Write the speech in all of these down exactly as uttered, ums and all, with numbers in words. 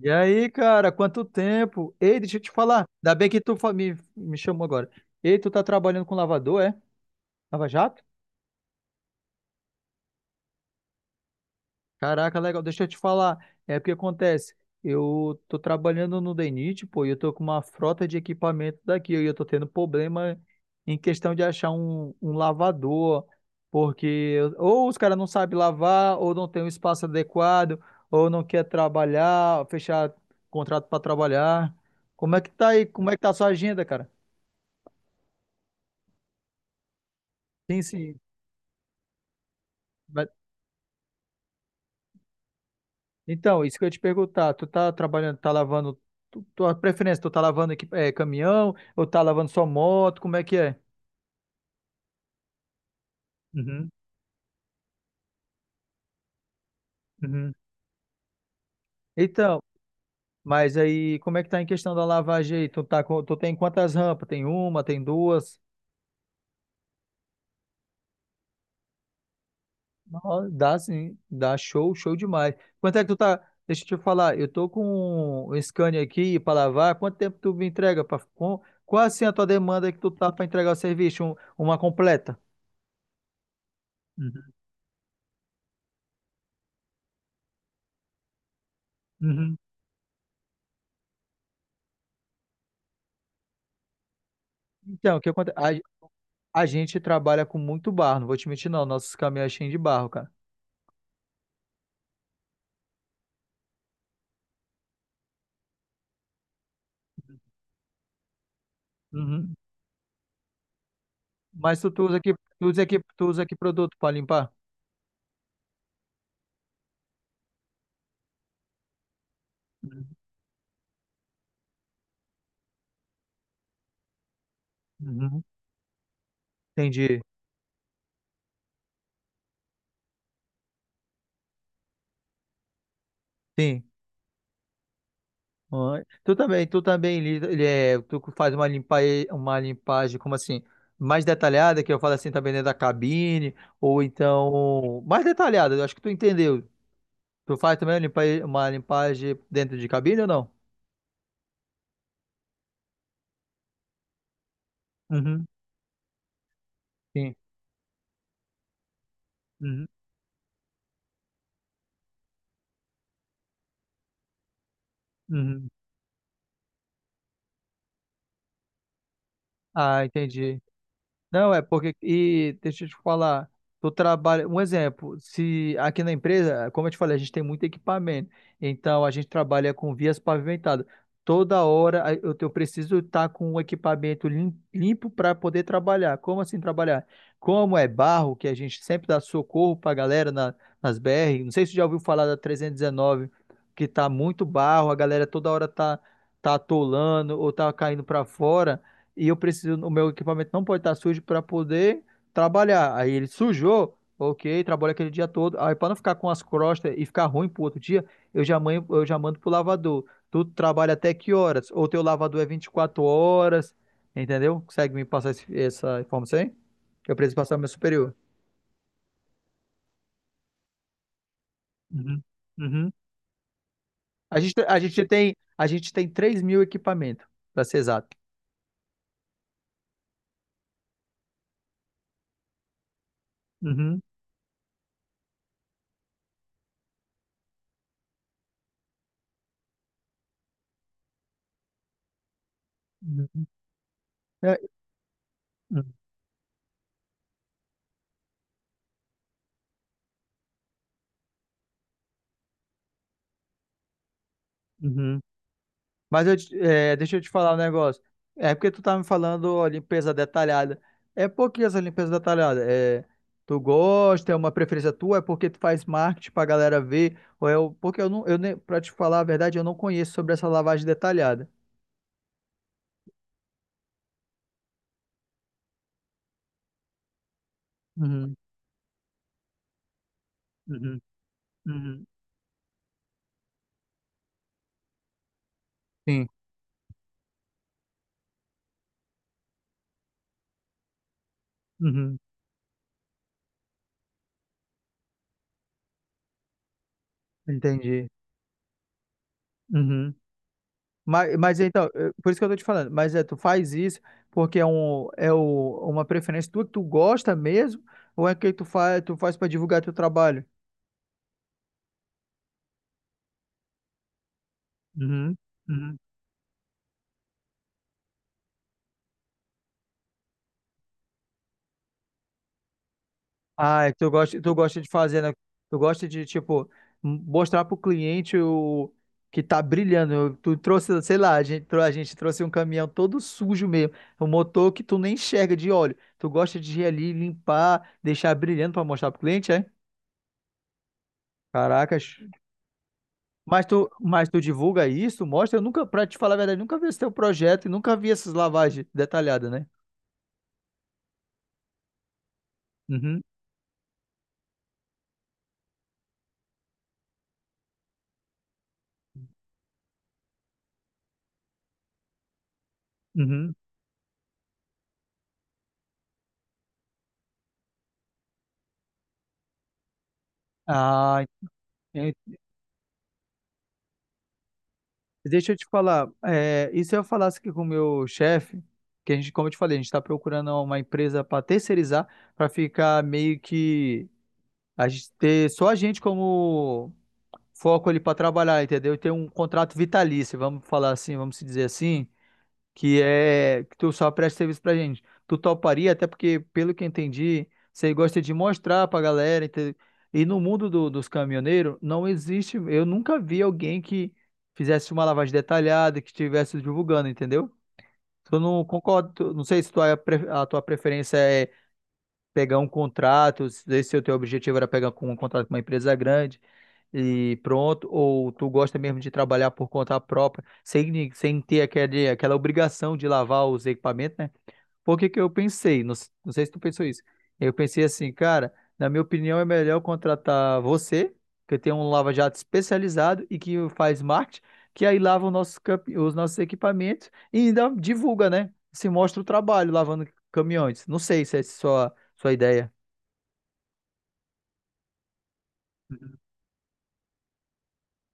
E aí, cara, quanto tempo? Ei, deixa eu te falar. Ainda bem que tu fa- me, me chamou agora. Ei, tu tá trabalhando com lavador, é? Lava Jato? Caraca, legal. Deixa eu te falar. É porque acontece. Eu tô trabalhando no D E N I T, pô, e eu tô com uma frota de equipamento daqui. E eu tô tendo problema em questão de achar um, um lavador. Porque eu- ou os caras não sabem lavar, ou não tem um espaço adequado, ou não quer trabalhar, fechar contrato para trabalhar. Como é que tá aí? Como é que tá a sua agenda, cara? Sim, sim. Mas- Então, isso que eu ia te perguntar, tu tá trabalhando, tá lavando, tu, tua preferência, tu tá lavando aqui, é, caminhão ou tá lavando só moto, como é que é? Uhum, uhum. Então, mas aí, como é que tá em questão da lavagem aí? Tu tá com, tu tem quantas rampas? Tem uma, tem duas? Não, dá sim, dá show, show demais. Quanto é que tu tá, deixa eu te falar, eu tô com um Scania aqui pra lavar, quanto tempo tu me entrega? Pra, com, qual assim a tua demanda que tu tá pra entregar o serviço, um- uma completa? Uhum, uhum. Então, o que acontece? A, a gente trabalha com muito barro, não vou te mentir, não. Nossos caminhões cheios de barro, cara. Uhum. Mas tu, tu usa que, tu usa que, tu usa que produto para limpar? Uhum. Uhum. Entendi. Sim. Ah, tu também, tu também, li- ele é, tu faz uma limpa, uma limpagem, como assim, mais detalhada, que eu falo assim, também dentro da cabine, ou então, mais detalhada, eu acho que tu entendeu. Tu faz também uma limpa- uma limpagem dentro de cabine ou não? Uhum. Sim. Uhum. Uhum. Ah, entendi. Não, é porque, e deixa eu te falar, tu trabalha, um exemplo, se aqui na empresa, como eu te falei, a gente tem muito equipamento, então a gente trabalha com vias pavimentadas. Toda hora a- eu, te- eu preciso estar com o equipamento lim- limpo para poder trabalhar. Como assim trabalhar? Como é barro, que a gente sempre dá socorro para a galera na- nas B R, não sei se tu já ouviu falar da trezentos e dezenove, que tá muito barro, a galera toda hora tá, tá atolando ou tá caindo para fora e eu preciso, o meu equipamento não pode estar sujo para poder trabalhar. Aí ele sujou, ok, trabalha aquele dia todo. Aí para não ficar com as crostas e ficar ruim pro outro dia, eu já mando, eu já mando pro lavador. Tu trabalha até que horas? Ou teu lavador é vinte e quatro horas, entendeu? Consegue me passar esse- essa informação aí? Que eu preciso passar pro meu superior. Uhum. Uhum. A gente, a gente tem, a gente tem três mil equipamentos, para ser exato. Uhum. Uhum. É, uhum. Mas eu, te- é, deixa eu te falar um negócio. É porque tu tá me falando ó, limpeza detalhada. É por que essa limpeza detalhada? É, tu gosta, é uma preferência tua, é porque tu faz marketing pra galera ver, ou é o- porque eu não, eu nem, pra te falar a verdade, eu não conheço sobre essa lavagem detalhada. Uhum, uhum, uhum. Sim, uhum, entendi. Uhum. Mas, mas então, eh, por isso que eu tô te falando, mas é, tu faz isso porque é, um, é o, uma preferência tua que tu gosta mesmo, ou é que tu faz, tu faz para divulgar teu trabalho? Uhum, uhum. Ah, é que tu gosta, tu gosta de fazer, né? Tu gosta de, tipo, m- mostrar pro cliente o que tá brilhando. Tu trouxe, sei lá, a gente, trou- a gente trouxe um caminhão todo sujo mesmo, um motor que tu nem enxerga de óleo. Tu gosta de ir ali, limpar, deixar brilhando pra mostrar pro cliente, é? Caracas. Mas tu, mas tu divulga isso, mostra. Eu nunca, pra te falar a verdade, nunca vi esse teu projeto e nunca vi essas lavagens detalhadas, né? Uhum, uhum. Ah, deixa eu te falar, é, e se eu falasse aqui com o meu chefe, que a gente, como eu te falei, a gente está procurando uma empresa para terceirizar, para ficar meio que a gente ter só a gente como foco ali para trabalhar, entendeu? E ter um contrato vitalício, vamos falar assim, vamos se dizer assim que é que tu só presta serviço pra gente. Tu toparia, até porque, pelo que eu entendi, você gosta de mostrar pra galera. ente- E no mundo do- dos caminhoneiros, não existe. Eu nunca vi alguém que fizesse uma lavagem detalhada, que estivesse divulgando, entendeu? Tu não concordo, tu- não sei se tua, pre- a tua preferência é pegar um contrato, se se o teu objetivo era pegar com um contrato com uma empresa grande e pronto, ou tu gosta mesmo de trabalhar por conta própria, sem, ni- sem ter aquele, aquela obrigação de lavar os equipamentos, né? Por que que eu pensei? Não, s- não sei se tu pensou isso. Eu pensei assim, cara, na minha opinião é melhor eu contratar você, que tem um lava-jato especializado e que faz marketing, que aí lava os nossos, camp- os nossos equipamentos e ainda divulga, né? Se mostra o trabalho lavando caminhões. Não sei se é sua, sua ideia.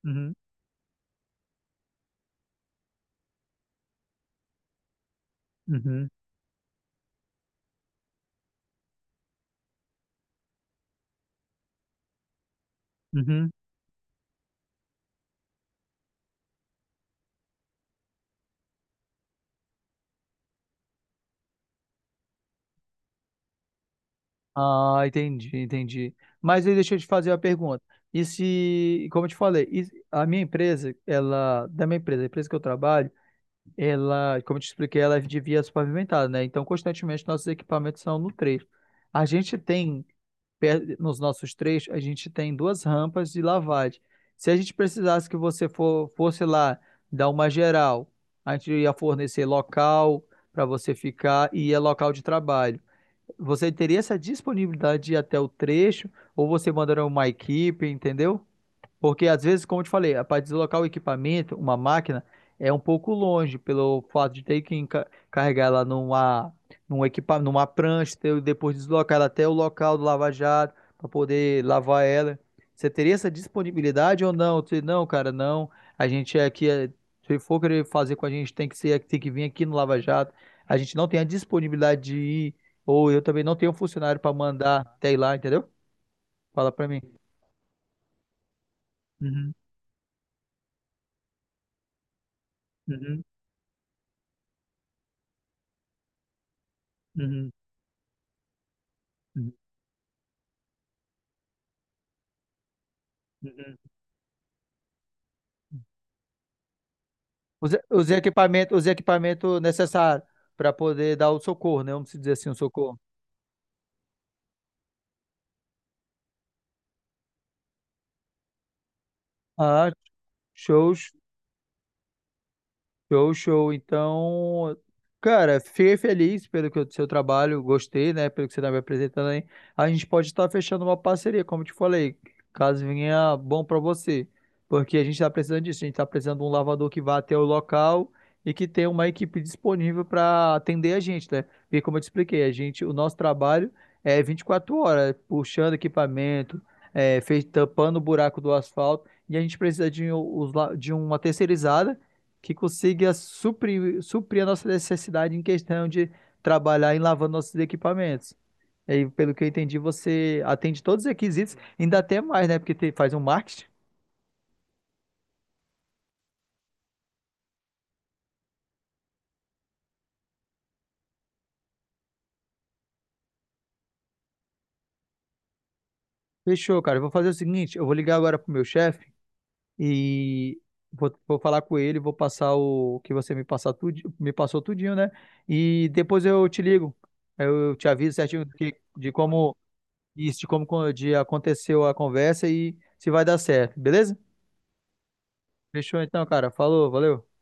Uhum, uhum, uhum. Ah, entendi, entendi. Mas aí deixa eu te fazer uma pergunta. E se, como eu te falei, e se- a minha empresa, ela, da minha empresa, a empresa que eu trabalho, ela, como eu te expliquei, ela é de vias pavimentadas, né? Então, constantemente, nossos equipamentos são no trecho. A gente tem, per- nos nossos trechos, a gente tem duas rampas de lavagem. Se a gente precisasse que você for, fosse lá dar uma geral, a gente ia fornecer local para você ficar e é local de trabalho. Você teria essa disponibilidade de ir até o trecho ou você mandaria uma equipe, entendeu? Porque às vezes, como eu te falei, para deslocar o equipamento, uma máquina, é um pouco longe, pelo fato de ter que enca- carregar ela numa, num equipa, numa prancha, ter- depois deslocar ela até o local do lava-jato, para poder lavar ela. Você teria essa disponibilidade ou não? Você, não, cara, não. A gente é aqui, é- se for querer fazer com a gente, tem que ser, tem que vir aqui no lava-jato. A gente não tem a disponibilidade de ir, ou eu também não tenho funcionário para mandar até ir lá, entendeu? Fala para mim. Uhum, uhum, uhum. Uhum. Os, os equipamentos, os equipamentos necessários para poder dar o socorro, né? Vamos dizer assim, o socorro. Ah, show, show, show. Então, cara, fiquei feliz pelo que, o seu trabalho, gostei, né? Pelo que você está me apresentando aí. A gente pode estar fechando uma parceria, como eu te falei, caso venha bom para você. Porque a gente está precisando disso, a gente está precisando de um lavador que vá até o local e que tenha uma equipe disponível para atender a gente, né? Porque como eu te expliquei, a gente, o nosso trabalho é vinte e quatro horas, puxando equipamento, é, fe- tampando o buraco do asfalto, e a gente precisa de, um- os la- de uma terceirizada que consiga suprir, suprir a nossa necessidade em questão de trabalhar em lavando nossos equipamentos. E pelo que eu entendi, você atende todos os requisitos, ainda até mais, né? Porque te- faz um marketing. Fechou, cara. Eu vou fazer o seguinte, eu vou ligar agora pro meu chefe e vou, vou falar com ele, vou passar o que você me passar tudo, me passou tudinho, né? E depois eu te ligo. Eu te aviso certinho do que- de como isso, de como co- de aconteceu a conversa e se vai dar certo, beleza? Fechou então, cara. Falou, valeu.